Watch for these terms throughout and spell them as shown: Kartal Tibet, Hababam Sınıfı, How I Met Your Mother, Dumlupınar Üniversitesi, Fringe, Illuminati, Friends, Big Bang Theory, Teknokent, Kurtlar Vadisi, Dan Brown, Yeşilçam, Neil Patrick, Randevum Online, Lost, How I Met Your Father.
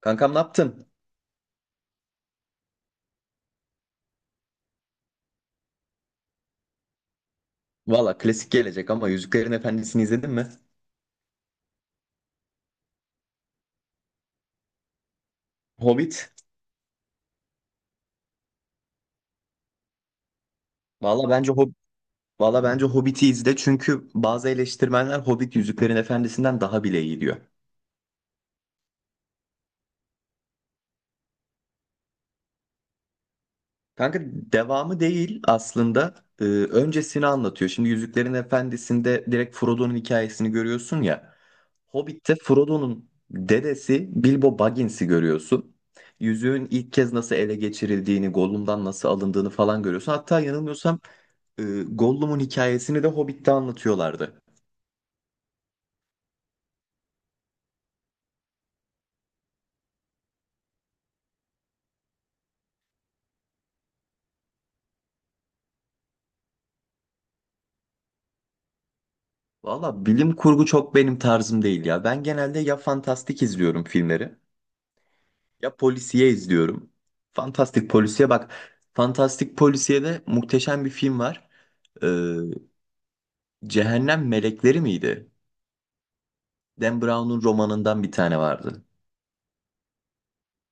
Kankam ne yaptın? Valla klasik gelecek ama Yüzüklerin Efendisi'ni izledin mi? Hobbit. Valla bence Hob Valla bence Hobbit'i izle çünkü bazı eleştirmenler Hobbit Yüzüklerin Efendisi'nden daha bile iyi diyor. Kanka, devamı değil aslında. Öncesini anlatıyor. Şimdi Yüzüklerin Efendisi'nde direkt Frodo'nun hikayesini görüyorsun ya. Hobbit'te Frodo'nun dedesi Bilbo Baggins'i görüyorsun. Yüzüğün ilk kez nasıl ele geçirildiğini, Gollum'dan nasıl alındığını falan görüyorsun. Hatta yanılmıyorsam Gollum'un hikayesini de Hobbit'te anlatıyorlardı. Valla bilim kurgu çok benim tarzım değil ya. Ben genelde ya fantastik izliyorum filmleri ya polisiye izliyorum. Fantastik polisiye bak. Fantastik polisiyede muhteşem bir film var. Ee, Cehennem Melekleri miydi? Dan Brown'un romanından bir tane vardı.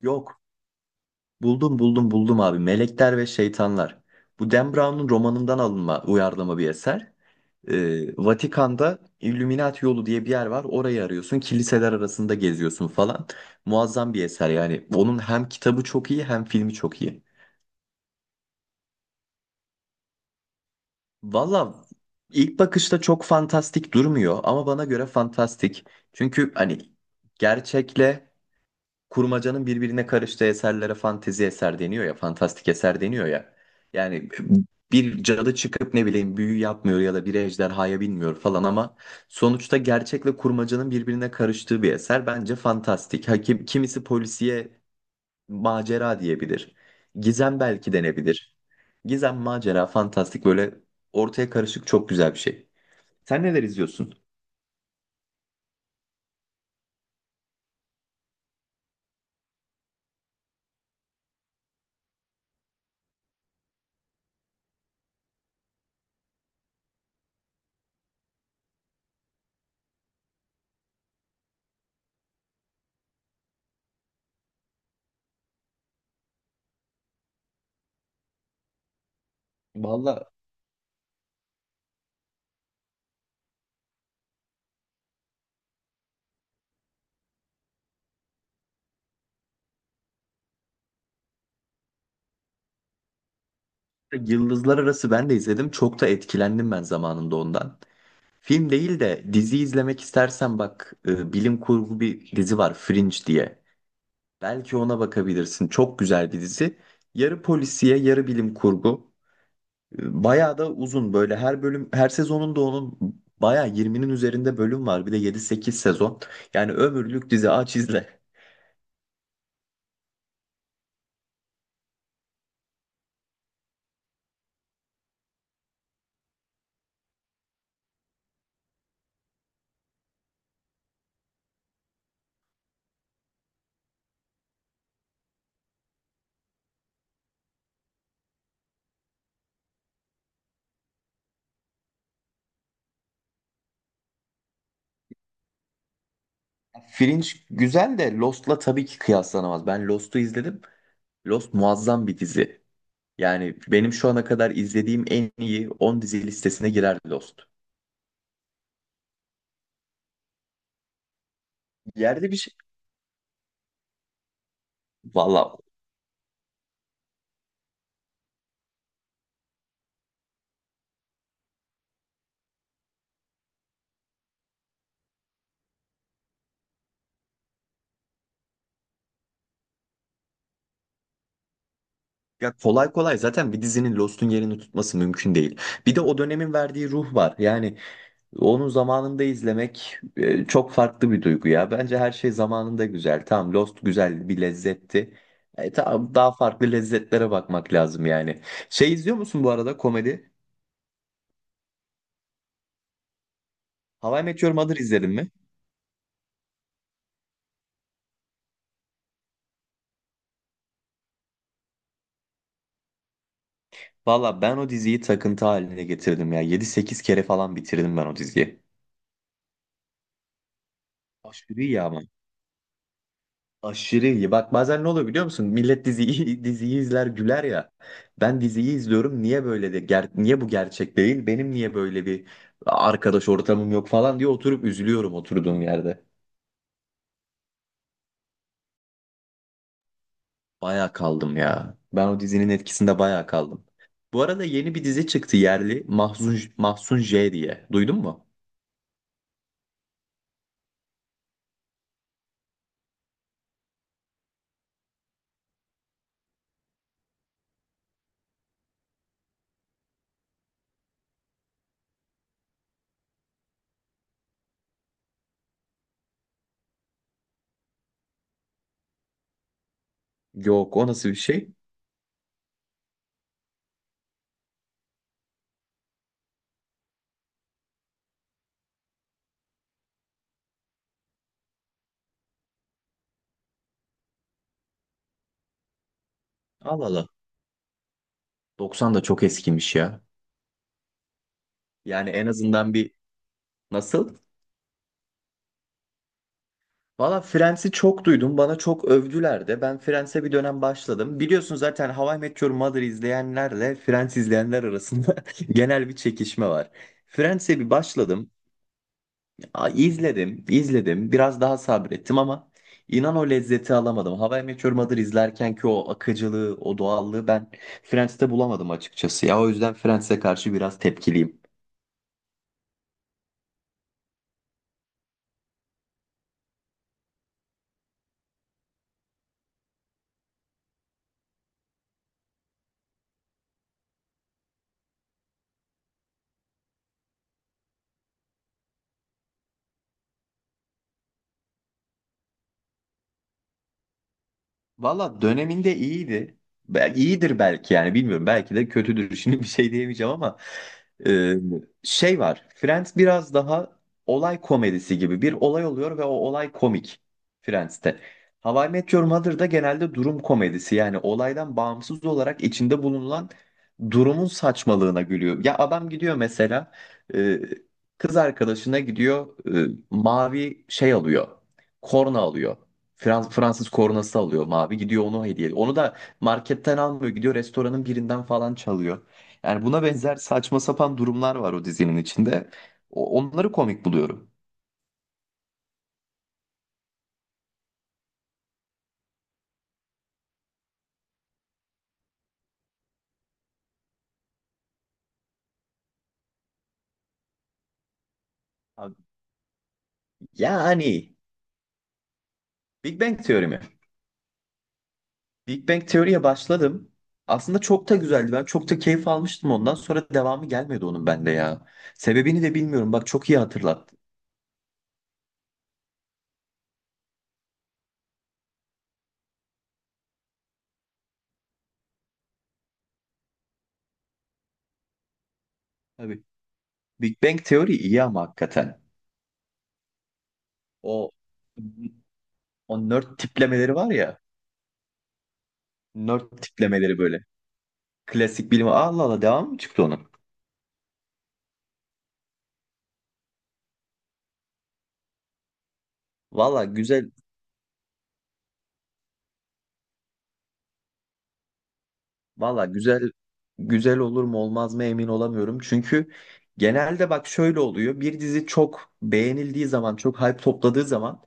Yok. Buldum buldum buldum, abi. Melekler ve Şeytanlar. Bu Dan Brown'un romanından alınma uyarlama bir eser. Vatikan'da Illuminati yolu diye bir yer var. Orayı arıyorsun. Kiliseler arasında geziyorsun falan. Muazzam bir eser yani. Onun hem kitabı çok iyi hem filmi çok iyi. Valla ilk bakışta çok fantastik durmuyor ama bana göre fantastik. Çünkü hani gerçekle kurmacanın birbirine karıştığı eserlere fantezi eser deniyor ya, fantastik eser deniyor ya. Yani bir cadı çıkıp ne bileyim büyü yapmıyor ya da bir ejderhaya binmiyor falan ama sonuçta gerçekle kurmacanın birbirine karıştığı bir eser bence fantastik. Hakim kimisi polisiye macera diyebilir. Gizem belki denebilir. Gizem, macera, fantastik böyle ortaya karışık çok güzel bir şey. Sen neler izliyorsun? Valla Yıldızlar Arası ben de izledim. Çok da etkilendim ben zamanında ondan. Film değil de dizi izlemek istersen bak bilim kurgu bir dizi var, Fringe diye. Belki ona bakabilirsin. Çok güzel bir dizi. Yarı polisiye, yarı bilim kurgu. Bayağı da uzun böyle, her bölüm, her sezonunda onun bayağı 20'nin üzerinde bölüm var. Bir de 7-8 sezon. Yani ömürlük dizi, aç izle. Fringe güzel de Lost'la tabii ki kıyaslanamaz. Ben Lost'u izledim. Lost muazzam bir dizi. Yani benim şu ana kadar izlediğim en iyi 10 dizi listesine girer Lost. Yerde bir şey. Valla ya, kolay kolay zaten bir dizinin Lost'un yerini tutması mümkün değil. Bir de o dönemin verdiği ruh var. Yani onu zamanında izlemek çok farklı bir duygu ya. Bence her şey zamanında güzel. Tamam, Lost güzel bir lezzetti. Tamam, daha farklı lezzetlere bakmak lazım yani. Şey izliyor musun bu arada, komedi? How I Met Your Mother izledin mi? Valla ben o diziyi takıntı haline getirdim ya. 7-8 kere falan bitirdim ben o diziyi. Aşırı iyi ama. Aşırı iyi. Bak bazen ne oluyor biliyor musun? Millet diziyi, diziyi izler güler ya. Ben diziyi izliyorum. Niye böyle de niye bu gerçek değil? Benim niye böyle bir arkadaş ortamım yok falan diye oturup üzülüyorum oturduğum yerde. Baya kaldım ya. Ben o dizinin etkisinde baya kaldım. Bu arada yeni bir dizi çıktı, yerli. Mahzun, Mahzun J diye. Duydun mu? Yok, o nasıl bir şey? Al al, al. 90 da çok eskimiş ya. Yani en azından bir nasıl? Valla Friends'i çok duydum. Bana çok övdüler de. Ben Friends'e bir dönem başladım. Biliyorsun zaten How I Met Your Mother izleyenlerle Friends izleyenler arasında genel bir çekişme var. Friends'e bir başladım. İzledim, izledim. Biraz daha sabrettim ama inan o lezzeti alamadım. How I Met Your Mother izlerken ki o akıcılığı, o doğallığı ben Friends'te bulamadım açıkçası. Ya o yüzden Friends'e karşı biraz tepkiliyim. Valla döneminde iyiydi. Bel iyidir belki yani, bilmiyorum. Belki de kötüdür. Şimdi bir şey diyemeyeceğim ama e, şey var. Friends biraz daha olay komedisi gibi. Bir olay oluyor ve o olay komik Friends'te. How I Met Your Mother'da genelde durum komedisi. Yani olaydan bağımsız olarak içinde bulunan durumun saçmalığına gülüyor. Ya adam gidiyor mesela e, kız arkadaşına gidiyor, mavi şey alıyor. Korna alıyor. Fransız kornası alıyor, mavi, gidiyor onu hediye. Onu da marketten almıyor, gidiyor restoranın birinden falan çalıyor. Yani buna benzer saçma sapan durumlar var o dizinin içinde. Onları komik buluyorum. Abi, yani Big Bang teorimi. Big Bang teoriye başladım. Aslında çok da güzeldi. Ben çok da keyif almıştım, ondan sonra devamı gelmedi onun bende ya. Sebebini de bilmiyorum. Bak çok iyi hatırlattın. Tabii. Big Bang teori iyi ama hakikaten. O o nerd tiplemeleri var ya. Nerd tiplemeleri böyle. Klasik bilim. Allah Allah, devam mı çıktı onun? Valla güzel, valla güzel güzel olur mu olmaz mı emin olamıyorum. Çünkü genelde bak şöyle oluyor. Bir dizi çok beğenildiği zaman, çok hype topladığı zaman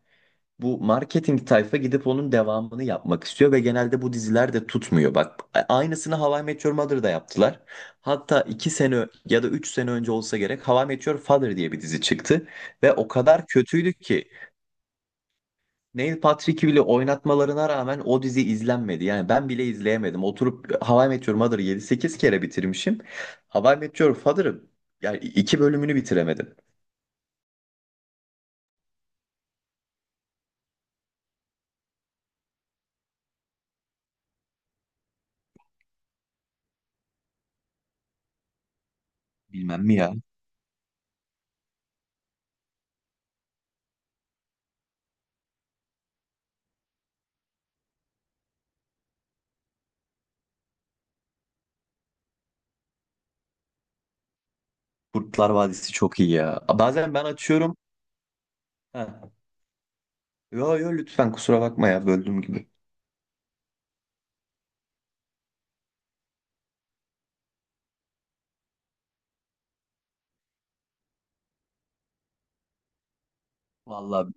bu marketing tayfa gidip onun devamını yapmak istiyor ve genelde bu diziler de tutmuyor. Bak aynısını How I Met Your Mother'da yaptılar. Hatta 2 sene ya da 3 sene önce olsa gerek, How I Met Your Father diye bir dizi çıktı ve o kadar kötüydü ki Neil Patrick'i bile oynatmalarına rağmen o dizi izlenmedi. Yani ben bile izleyemedim. Oturup How I Met Your Mother'ı 7-8 kere bitirmişim. How I Met Your Father'ı yani 2 bölümünü bitiremedim. Bilmem mi ya? Kurtlar Vadisi çok iyi ya. Bazen ben açıyorum. Ha. Yo yo, lütfen kusura bakma ya böldüğüm gibi. Vallahi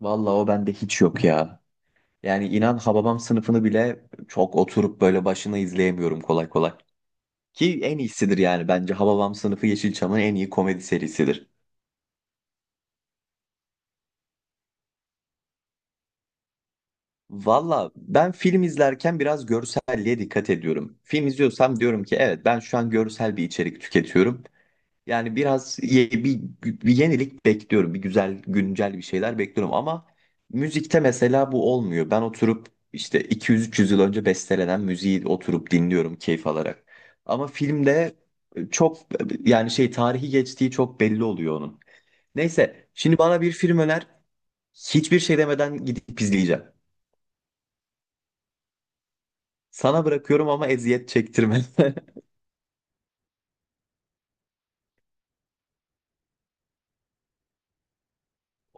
vallahi o bende hiç yok ya. Yani inan Hababam sınıfını bile çok oturup böyle başına izleyemiyorum kolay kolay. Ki en iyisidir yani, bence Hababam sınıfı Yeşilçam'ın en iyi komedi serisidir. Valla ben film izlerken biraz görselliğe dikkat ediyorum. Film izliyorsam diyorum ki evet, ben şu an görsel bir içerik tüketiyorum. Yani biraz bir yenilik bekliyorum. Bir güzel güncel bir şeyler bekliyorum ama müzikte mesela bu olmuyor. Ben oturup işte 200-300 yıl önce bestelenen müziği oturup dinliyorum keyif alarak. Ama filmde çok yani şey, tarihi geçtiği çok belli oluyor onun. Neyse, şimdi bana bir film öner. Hiçbir şey demeden gidip izleyeceğim. Sana bırakıyorum ama eziyet çektirme.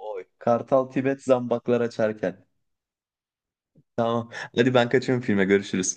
Kartal Tibet, zambaklar açarken. Tamam. Hadi ben kaçıyorum filme. Görüşürüz.